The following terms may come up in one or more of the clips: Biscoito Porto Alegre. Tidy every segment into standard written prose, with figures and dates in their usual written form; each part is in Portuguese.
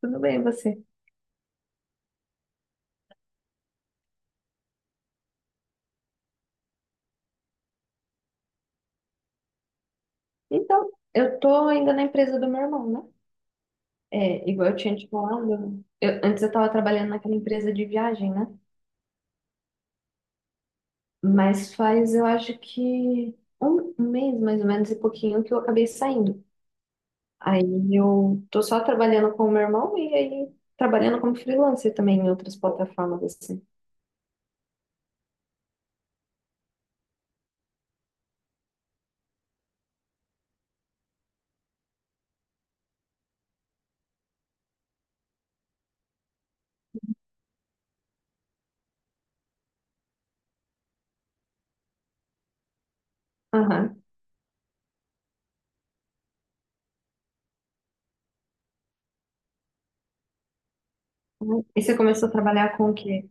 Tudo bem, você? Então, eu tô ainda na empresa do meu irmão, né? É, igual eu tinha te falado, antes eu tava trabalhando naquela empresa de viagem, né? Mas faz, eu acho que um mês, mais ou menos, e pouquinho que eu acabei saindo. Aí eu tô só trabalhando com o meu irmão e aí trabalhando como freelancer também em outras plataformas, assim. Aham. E você começou a trabalhar com o quê?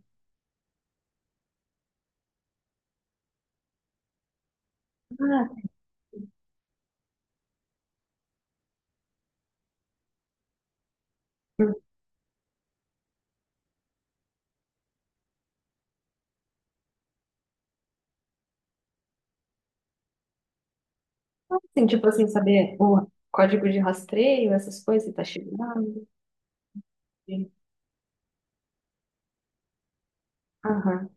Ah, assim, tipo assim, saber o código de rastreio, essas coisas, tá chegando. Sim. Aham.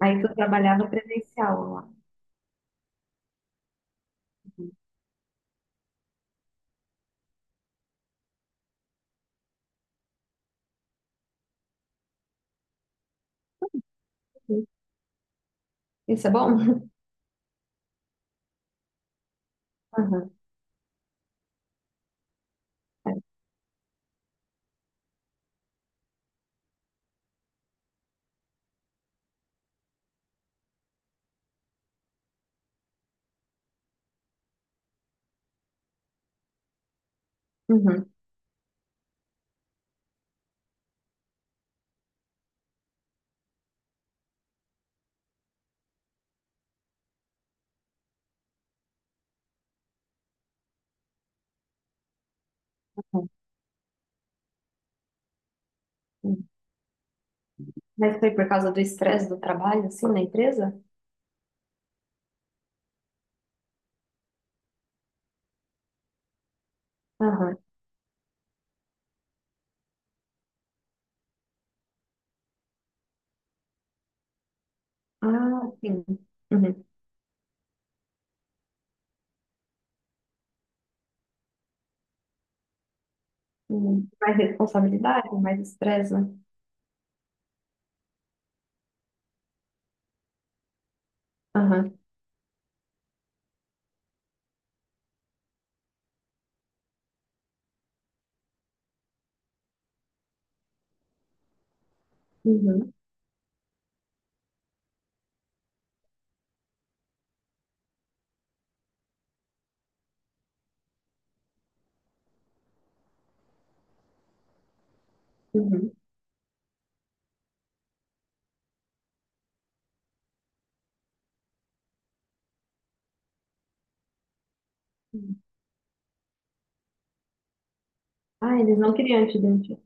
Aí tu trabalhava presencial lá. Uhum. Isso é bom? Aham, é. Uhum, uhum, uhum. Mas foi por causa do estresse do trabalho, assim, na empresa? Aham. Ah, sim. Uhum. Uhum. Mais responsabilidade, mais estresse, né? Aham. Uhum. Uhum. Uhum. Ah, eles não queriam te demitir.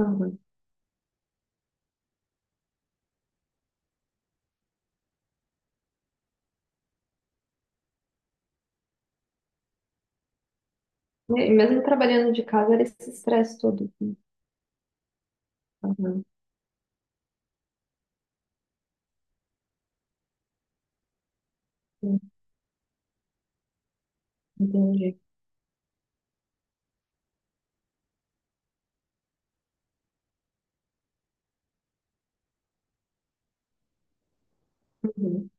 Aham. E mesmo trabalhando de casa, era esse estresse todo, assim. Aham. Sim, entendi. Uhum.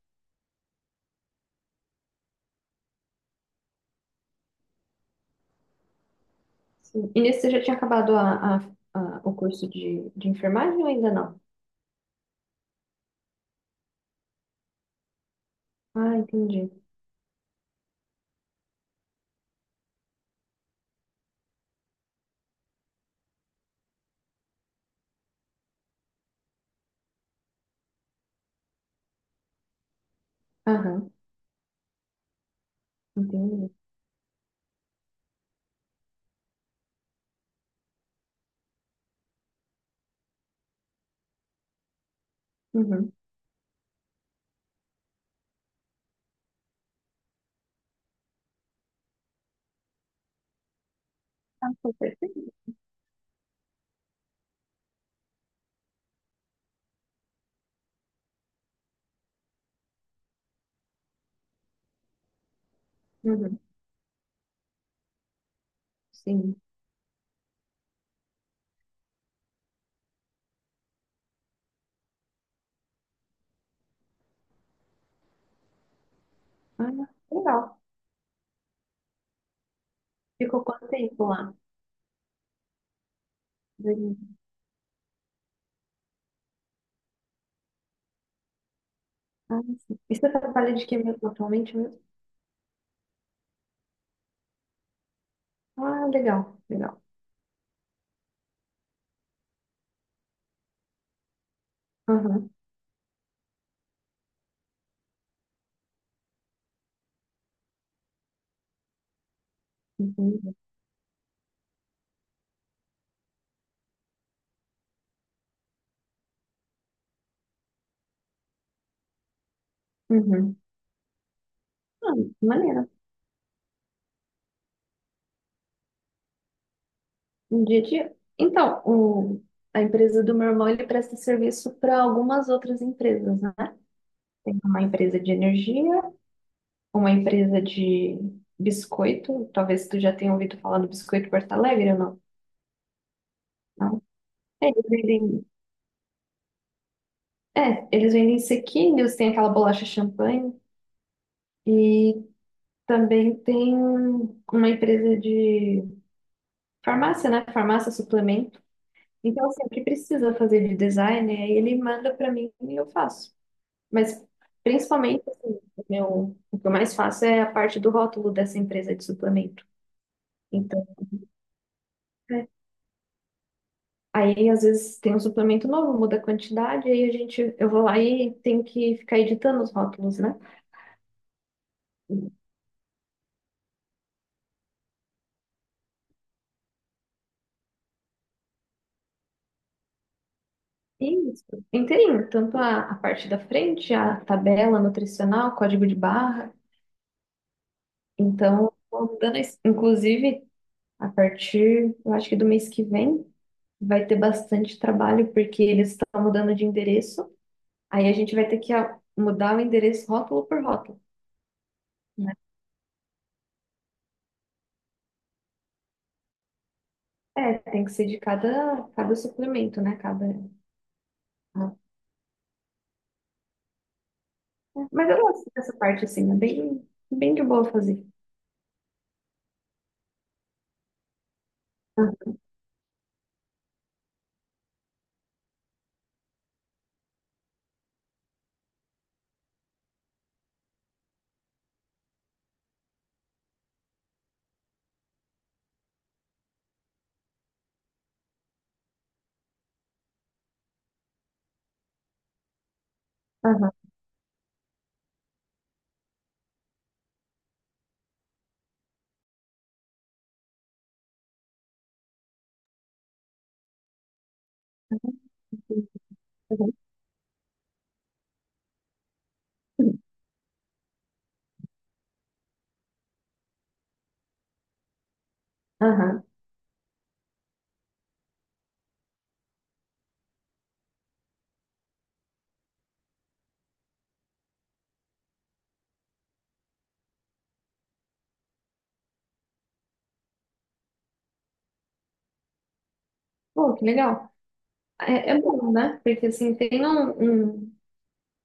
Sim. E nesse você já tinha acabado o curso de enfermagem ou ainda não? Ah, entendi. Aham, entendi. Uhum. Ah, foi perfeito. Uhum, sim. Ah, legal. Ficou quanto tempo lá? Meses. Ah, sim. E você trabalha de que mesmo atualmente mesmo? Ah, legal, legal. Aham, entendi. Uhum. Ah, maneiro. Um dia a dia. Então, o... a empresa do meu irmão, ele presta serviço para algumas outras empresas, né? Tem uma empresa de energia, uma empresa de biscoito. Talvez tu já tenha ouvido falar do Biscoito Porto Alegre ou não? É, eles vendem, é, eles vendem sequinhos, tem aquela bolacha champanhe e também tem uma empresa de farmácia, né? Farmácia suplemento. Então, assim, o que precisa fazer de design, aí ele manda para mim e eu faço. Mas, principalmente, assim, o meu, o que eu mais faço é a parte do rótulo dessa empresa de suplemento. Então, é, aí às vezes tem um suplemento novo, muda a quantidade, aí a gente, eu vou lá e tenho que ficar editando os rótulos, né? Isso, inteirinho, tanto a parte da frente, a tabela nutricional, código de barra. Então, vou mudando isso. Inclusive, a partir, eu acho que do mês que vem, vai ter bastante trabalho, porque eles estão mudando de endereço. Aí a gente vai ter que mudar o endereço rótulo por rótulo, né? É, tem que ser de cada, cada suplemento, né? Cada... ah, é. Mas eu gosto dessa parte, assim, é bem, bem de boa fazer. Ah, aham, aham. Aham. Pô, que legal. É, é bom, né? Porque assim,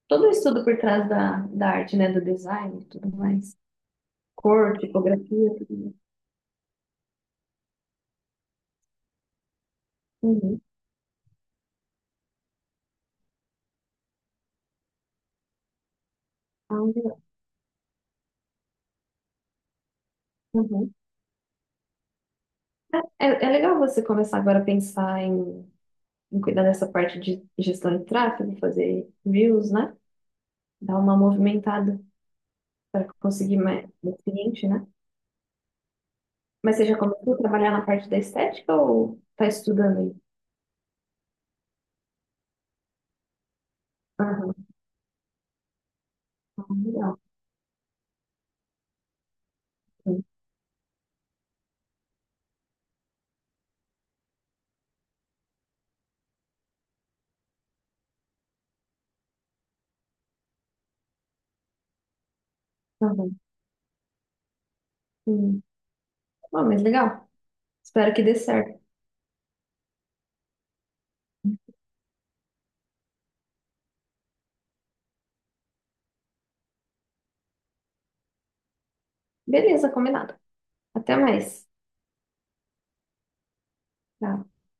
todo o estudo por trás da, da arte, né? Do design e tudo mais. Cor, tipografia, tudo mais. Uhum. Ah, legal. Uhum. É, é legal você começar agora a pensar em, em cuidar dessa parte de gestão de tráfego, fazer views, né? Dar uma movimentada para conseguir mais cliente, né? Mas você já começou a trabalhar na parte da estética ou está estudando aí? Aham, ah, legal. Sim. Aham. Sim. Bom, mas legal. Espero que dê certo. Beleza, combinado. Até mais. Tchau.